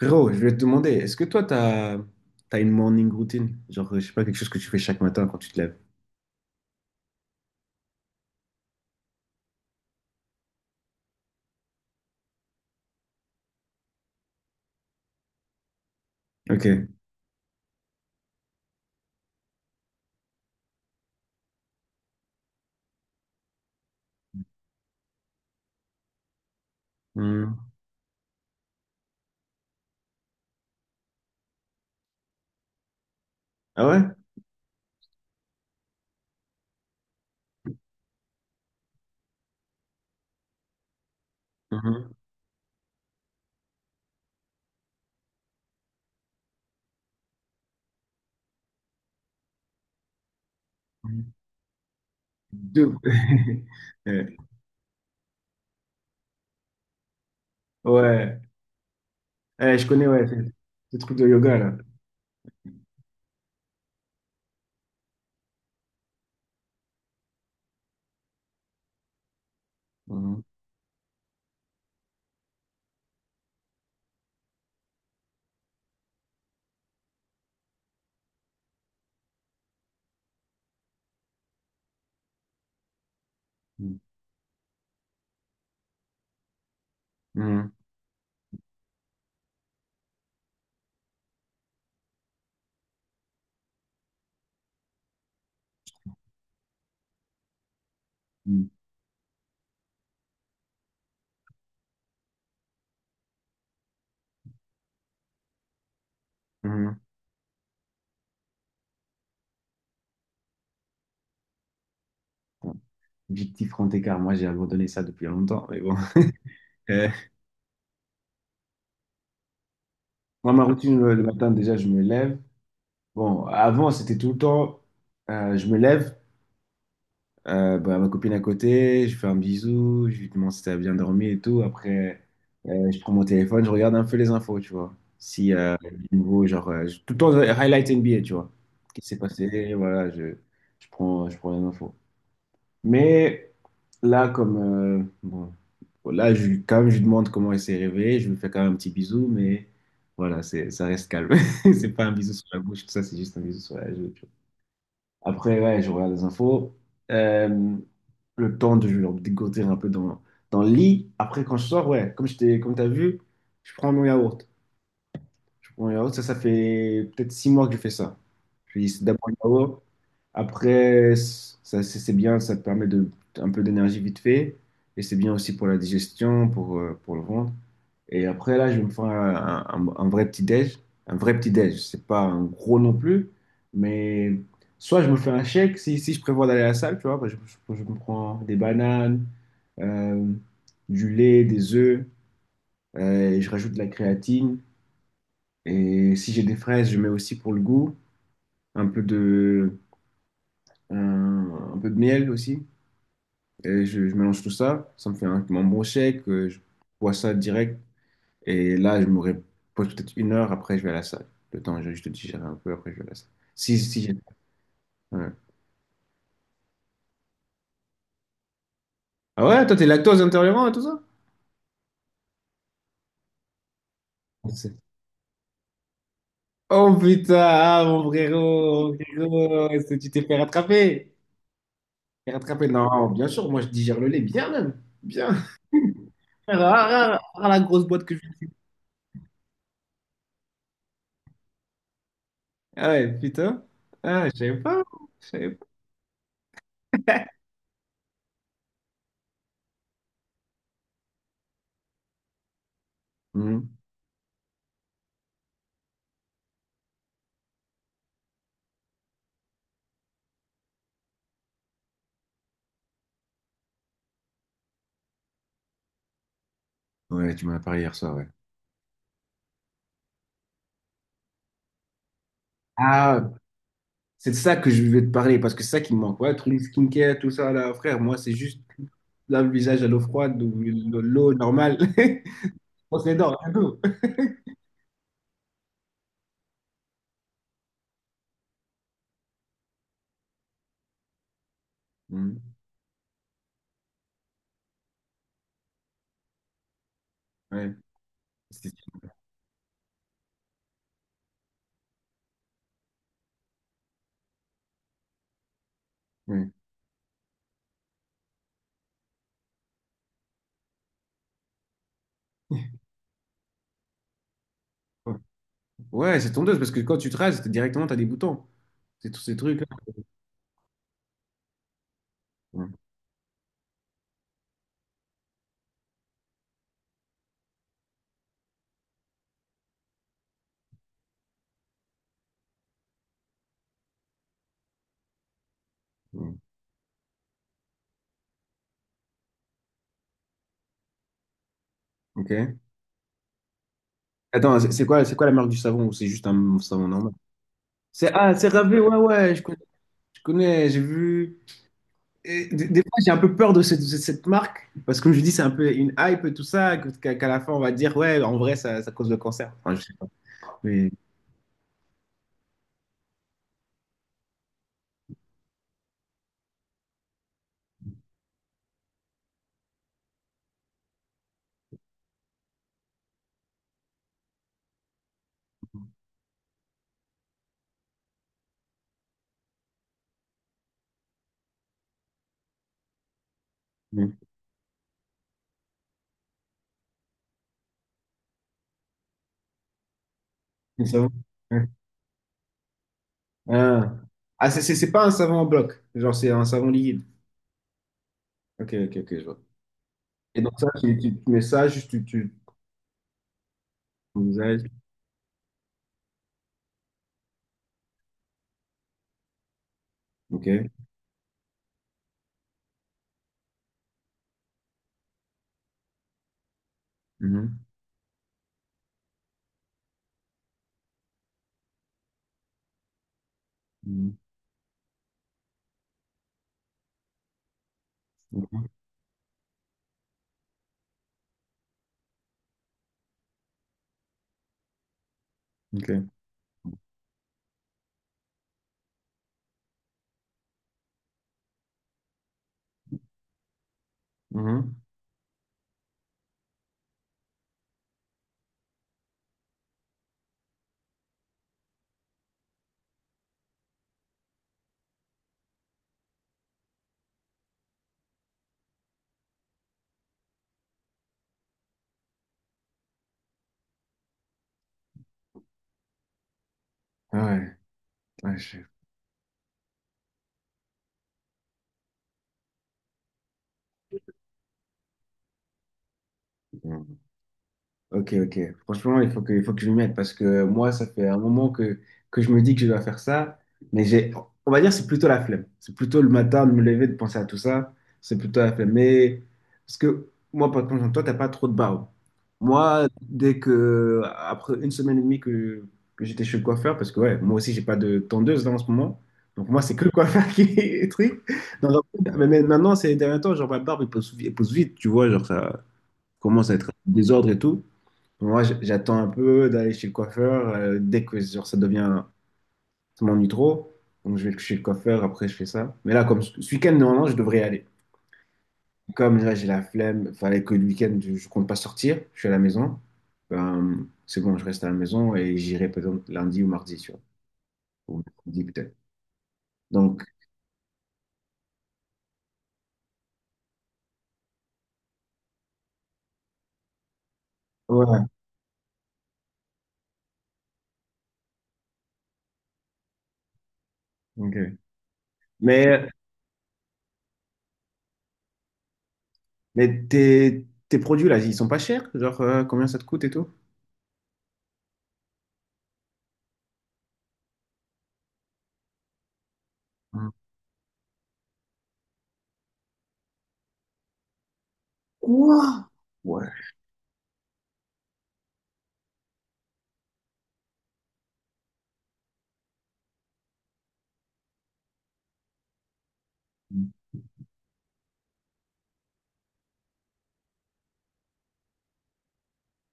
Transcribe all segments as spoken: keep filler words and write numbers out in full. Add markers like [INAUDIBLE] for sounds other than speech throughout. Gros, je vais te demander, est-ce que toi, t'as, t'as une morning routine? Genre, je sais pas, quelque chose que tu fais chaque matin quand tu te lèves. Ok. Hmm. Ah ouais? Mhm. De- [LAUGHS] Ouais. Ouais. Eh, je connais, ouais, ce ce truc de yoga, là. Mhm. Mhm. Mhm. Mhm. Bon, objectif grand écart, moi, j'ai abandonné ça depuis longtemps, mais bon. [LAUGHS] Eh, moi, ma routine le le matin, déjà, je me lève. Bon, avant, c'était tout le temps, euh, je me lève, euh, bah, ma copine à côté, je fais un bisou, je lui demande si t'as bien dormi et tout. Après, euh, je prends mon téléphone, je regarde un peu les infos, tu vois. Si euh, il y a du nouveau, genre, euh, je- tout le temps, euh, highlight N B A, tu vois. Quest Ce qui s'est passé, voilà, je, je prends, je prends les infos. Mais là, comme, euh, bon, bon, là, je, quand même, je lui demande comment elle s'est réveillée, je lui fais quand même un petit bisou, mais voilà, c'est, ça reste calme. [LAUGHS] C'est pas un bisou sur la bouche, tout ça, c'est juste un bisou sur la joue. Après, ouais, je regarde les infos. Euh, le temps de genre, dégoter un peu dans, dans le lit. Après, quand je sors, ouais, comme je t'ai, comme t'as vu, je prends mon yaourt. Bon, yaourt, ça, ça fait peut-être six mois que je fais ça. Puis c'est d'abord le yaourt. Après, c- ça, c'est c'est bien, ça te permet de, un peu d'énergie vite fait. Et c'est bien aussi pour la digestion, pour, euh, pour le ventre. Et après, là, je vais me faire un, un- un vrai petit-déj. Un vrai petit-déj. C'est pas un gros non plus. Mais soit je me fais un shake, si, si je prévois d'aller à la salle, tu vois, bah, je, je- je me prends des bananes, euh, du lait, des œufs, euh, et je rajoute de la créatine. Et si j'ai des fraises, je mets aussi pour le goût, un peu de, un, un peu de miel aussi. Et je, je mélange tout ça. Ça me fait un, mon bon shake. euh, Je bois ça direct. Et là, je me repose peut-être une heure. Après, je vais à la salle. Le temps, je, je te digérer un peu. Après, je vais à la salle. Si, si, j'ai- ouais. Ah ouais, toi, t'es lactose intolérant et tout ça? C'est- Oh putain, ah, mon frérot, mon frérot, est-ce que tu t'es fait rattraper? T'es rattrapé? Non, bien sûr, moi, je digère le lait bien même. Bien. Ah, ah, ah, ah, la grosse boîte que je ah ouais, putain. Ah, je savais pas. Je savais pas. Mhm. Ouais, tu m'en as parlé hier soir, ouais. Ah, c'est de ça que je vais te parler parce que c'est ça qui me manque. Ouais, tout le skincare, tout ça, là, frère, moi, c'est juste lave le visage à l'eau froide ou de l'eau normale. [LAUGHS] On se les dents, rien d'autre. Mhm. Ouais. C'est- ouais. Ouais, c'est tondeuse parce que quand tu te rases, t'es- directement, t'as des boutons. C'est tous ces trucs. Mhm. Mhm. Ok. Attends, c'est c'est quoi, c'est quoi la marque du savon ou c'est juste un savon normal? C'est ah, c'est Ravé, ouais, ouais, je connais, je connais, j'ai vu. Et des des fois, j'ai un peu peur de cette, de cette marque, parce que comme je dis, c'est un peu une hype, et tout ça, que- qu'à qu'à la fin, on va dire, ouais, en vrai, ça, ça cause le cancer. Enfin, je sais pas. Mais, mais- mais ça va. Ouais. Ah, ah, c'est c'est- c'est pas un savon en bloc, genre, c'est un savon liquide. Ok, ok, ok, je vois. Et donc, ça, tu, tu- tu mets ça, juste tu. Tu... au visage. Ok. Mhm. Mhm. Mhm. Ok. Mhm. Ah ouais. Ouais, je- ouais. Ok, ok. Franchement, il faut que, il faut que je m'y mette parce que moi, ça fait un moment que, que je me dis que je dois faire ça, mais j'ai, on va dire, c'est plutôt la flemme. C'est plutôt le matin de me lever, de penser à tout ça. C'est plutôt la flemme. Mais parce que moi, par contre, toi, t'as pas trop de barreaux. Moi, dès que, après une semaine et demie que, que j'étais chez le coiffeur, parce que ouais, moi aussi, j'ai pas de tondeuse là en ce moment. Donc moi, c'est que le coiffeur [LAUGHS] qui est le truc. Donc, en mais mais maintenant, ces derniers temps, genre ma barbe, elle pousse, elle pousse vite, tu vois, genre ça commence à être un désordre et tout. Moi, j- j'attends un peu d'aller chez le coiffeur. euh, dès que genre, ça devient, ça m'ennuie trop, donc je vais chez le coiffeur, après je fais ça. Mais là, comme ce ce week-end, normalement, je devrais y aller. Comme là, j'ai la flemme, fallait que le week-end, je je compte pas sortir, je suis à la maison. Ben, c'est bon, je reste à la maison et j'irai peut-être lundi ou mardi, tu vois. Ou mercredi peut-être. Donc, ouais. Ok. Mais, mais tes, tes produits, là, ils sont pas chers? Genre, euh, combien ça te coûte et tout? Ouah. Ouais.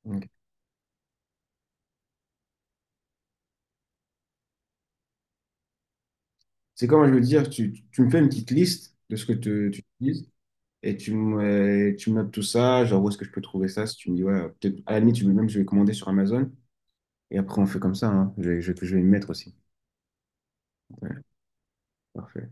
Ok. C'est comment je veux dire, tu, tu me fais une petite liste de ce que te- tu utilises et tu me, euh, tu me notes tout ça, genre où est-ce que je peux trouver ça, si tu me dis, ouais, peut-être, à la limite, tu veux même, je vais commander sur Amazon et après on fait comme ça, hein. Je vais, je, vais je vais y mettre aussi. Ouais, parfait.